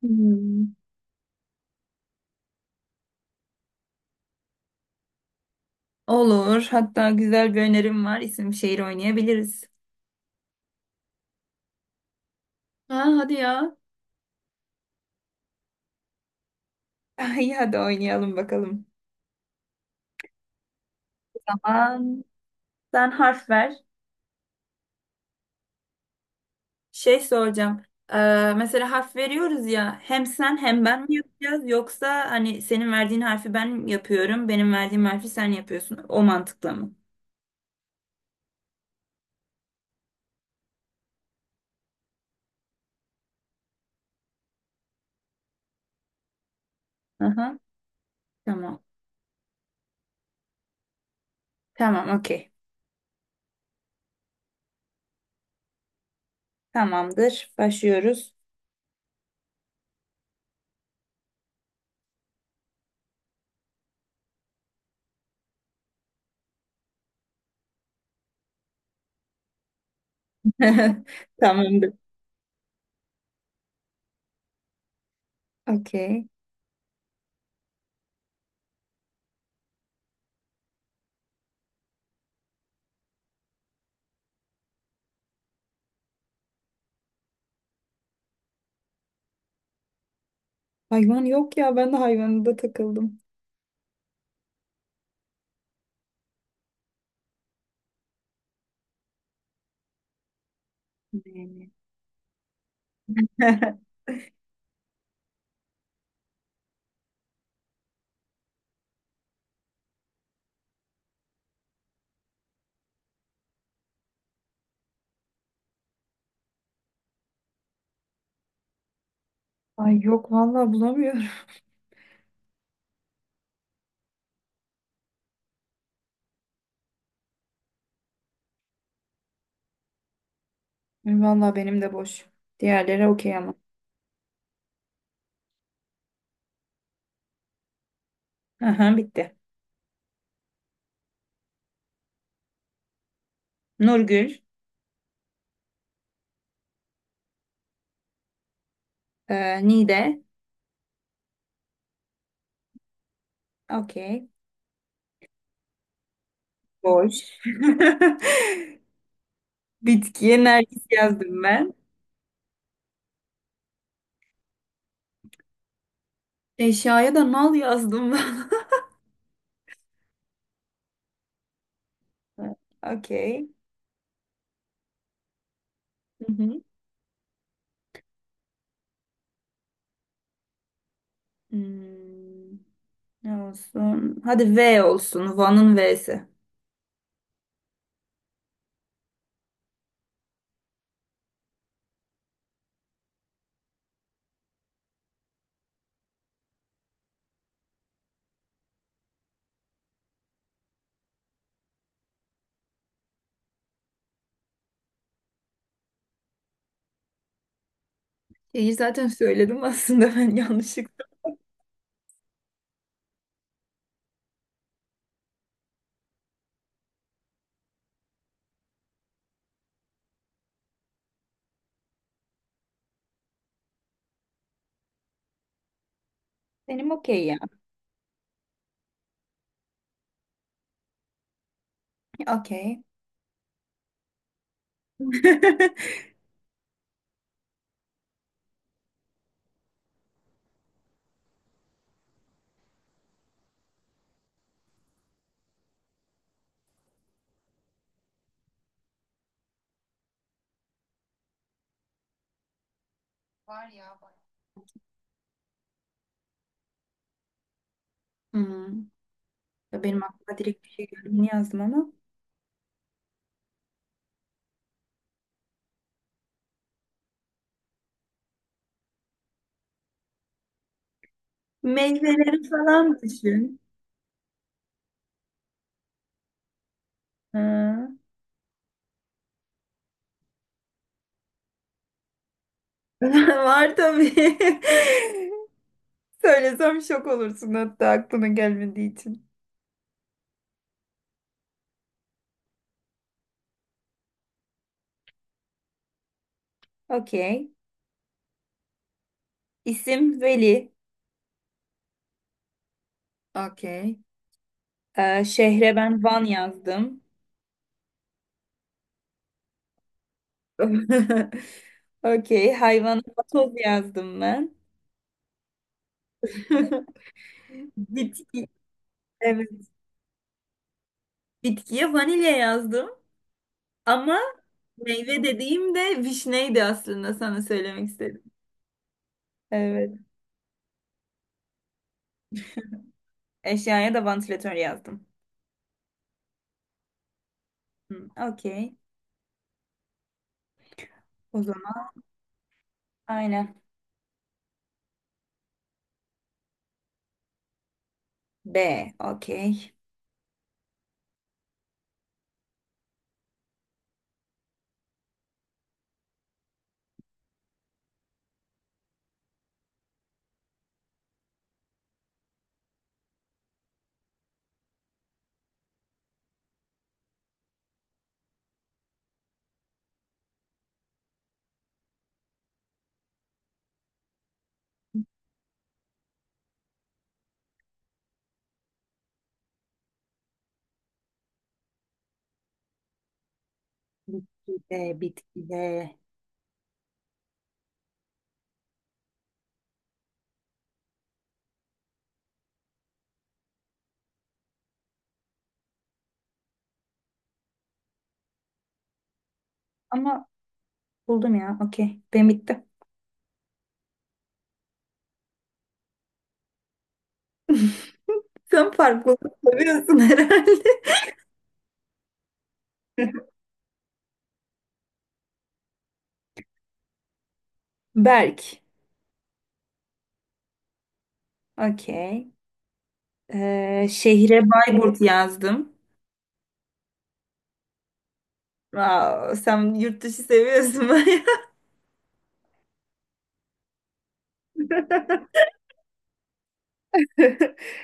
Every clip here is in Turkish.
Hmm. Olur. Hatta güzel bir önerim var. İsim şehir oynayabiliriz. Ha, hadi ya. İyi hadi oynayalım bakalım. Aman, sen harf ver. Şey soracağım. Mesela harf veriyoruz ya. Hem sen hem ben mi yapacağız? Yoksa hani senin verdiğin harfi ben yapıyorum. Benim verdiğim harfi sen yapıyorsun. O mantıkla mı? Aha, tamam. Tamam, okey. Tamamdır. Başlıyoruz. Tamamdır. Okey. Hayvan yok ya. Ben de hayvanında takıldım. Ne? Ay yok, vallahi bulamıyorum. Vallahi benim de boş. Diğerleri okey ama. Aha, bitti. Nurgül. Nide. Okey. Boş. Bitkiye nergis yazdım ben. Eşyaya da nal yazdım ben. Okey. Hı hı. Hmm, ne olsun? Hadi V olsun. Van'ın V'si. Şeyi zaten söyledim aslında ben yanlışlıkla. Benim okey ya. Okey. Var ya. Var. Hmm. Ya, benim aklıma direkt bir şey geldi. Bunu yazdım ama. Meyveleri falan düşün. Ha. Var tabii. Söylesem şok olursun hatta aklına gelmediği için. Okey. İsim Veli. Okey. Şehre ben Van yazdım. Okey. Hayvana vatoz yazdım ben. Bitki. Evet. Bitkiye vanilya yazdım ama meyve dediğim de vişneydi, aslında sana söylemek istedim. Evet. Eşyaya da vantilatör yazdım. Hı, okey. O zaman aynen. B. Okey. Bitki de, bitki de. Ama buldum ya. Okey. Benim bitti. Sen farklılık seviyorsun herhalde. Berk. Okey. Şehre Bayburt yazdım. Wow, sen yurt dışı seviyorsun bayağı.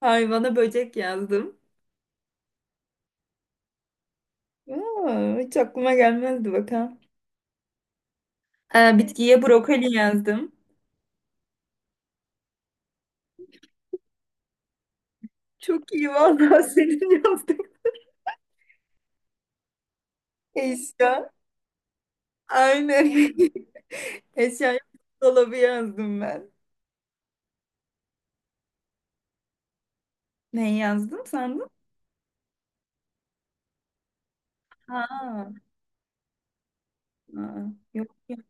Hayvana böcek yazdım. Aa, hiç aklıma gelmezdi bakalım. Bitkiye brokoli yazdım. Çok iyi vallahi, senin yazdığın. Eşya. Aynen. Eşya dolabı yazdım ben. Ne yazdım sandın? Ha. Ha. Yok yok.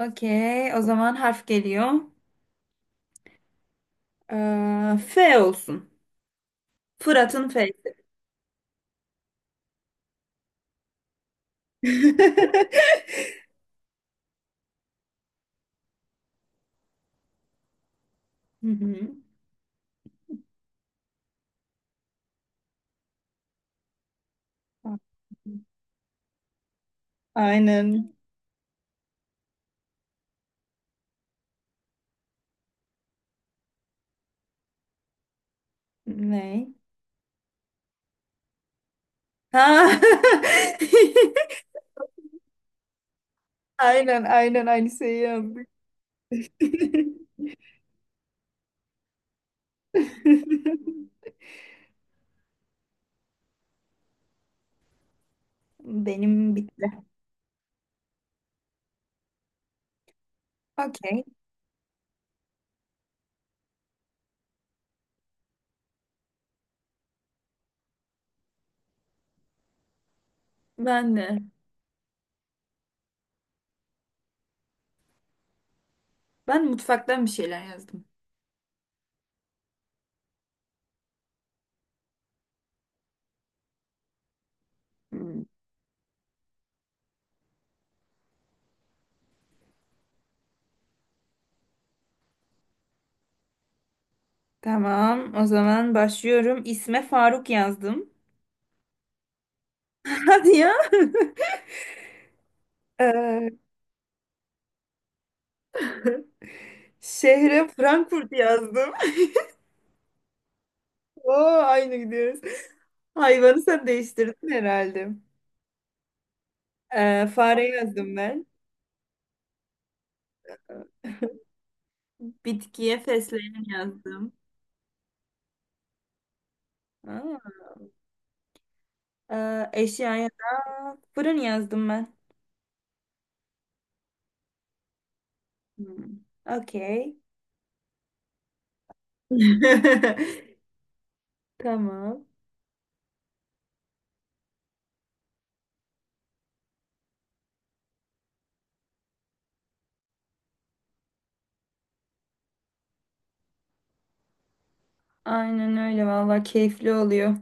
Okey. O zaman harf geliyor. F olsun. Fırat'ın F. Hı hı. Aynen. Ne? Ha. Aynen, aynen, aynı şeyi yazdık. Benim bitti. Okey. Ben de. Ben mutfaktan bir şeyler yazdım. Tamam, o zaman başlıyorum. İsme Faruk yazdım. Hadi ya. Ee, şehre Frankfurt yazdım. Oo, aynı gidiyoruz. Hayvanı sen değiştirdin herhalde. Fare yazdım ben. Bitkiye fesleğen yazdım. Aa. Eşyaya da fırın yazdım ben. Hmm. Okey. Tamam. Aynen öyle, vallahi keyifli oluyor.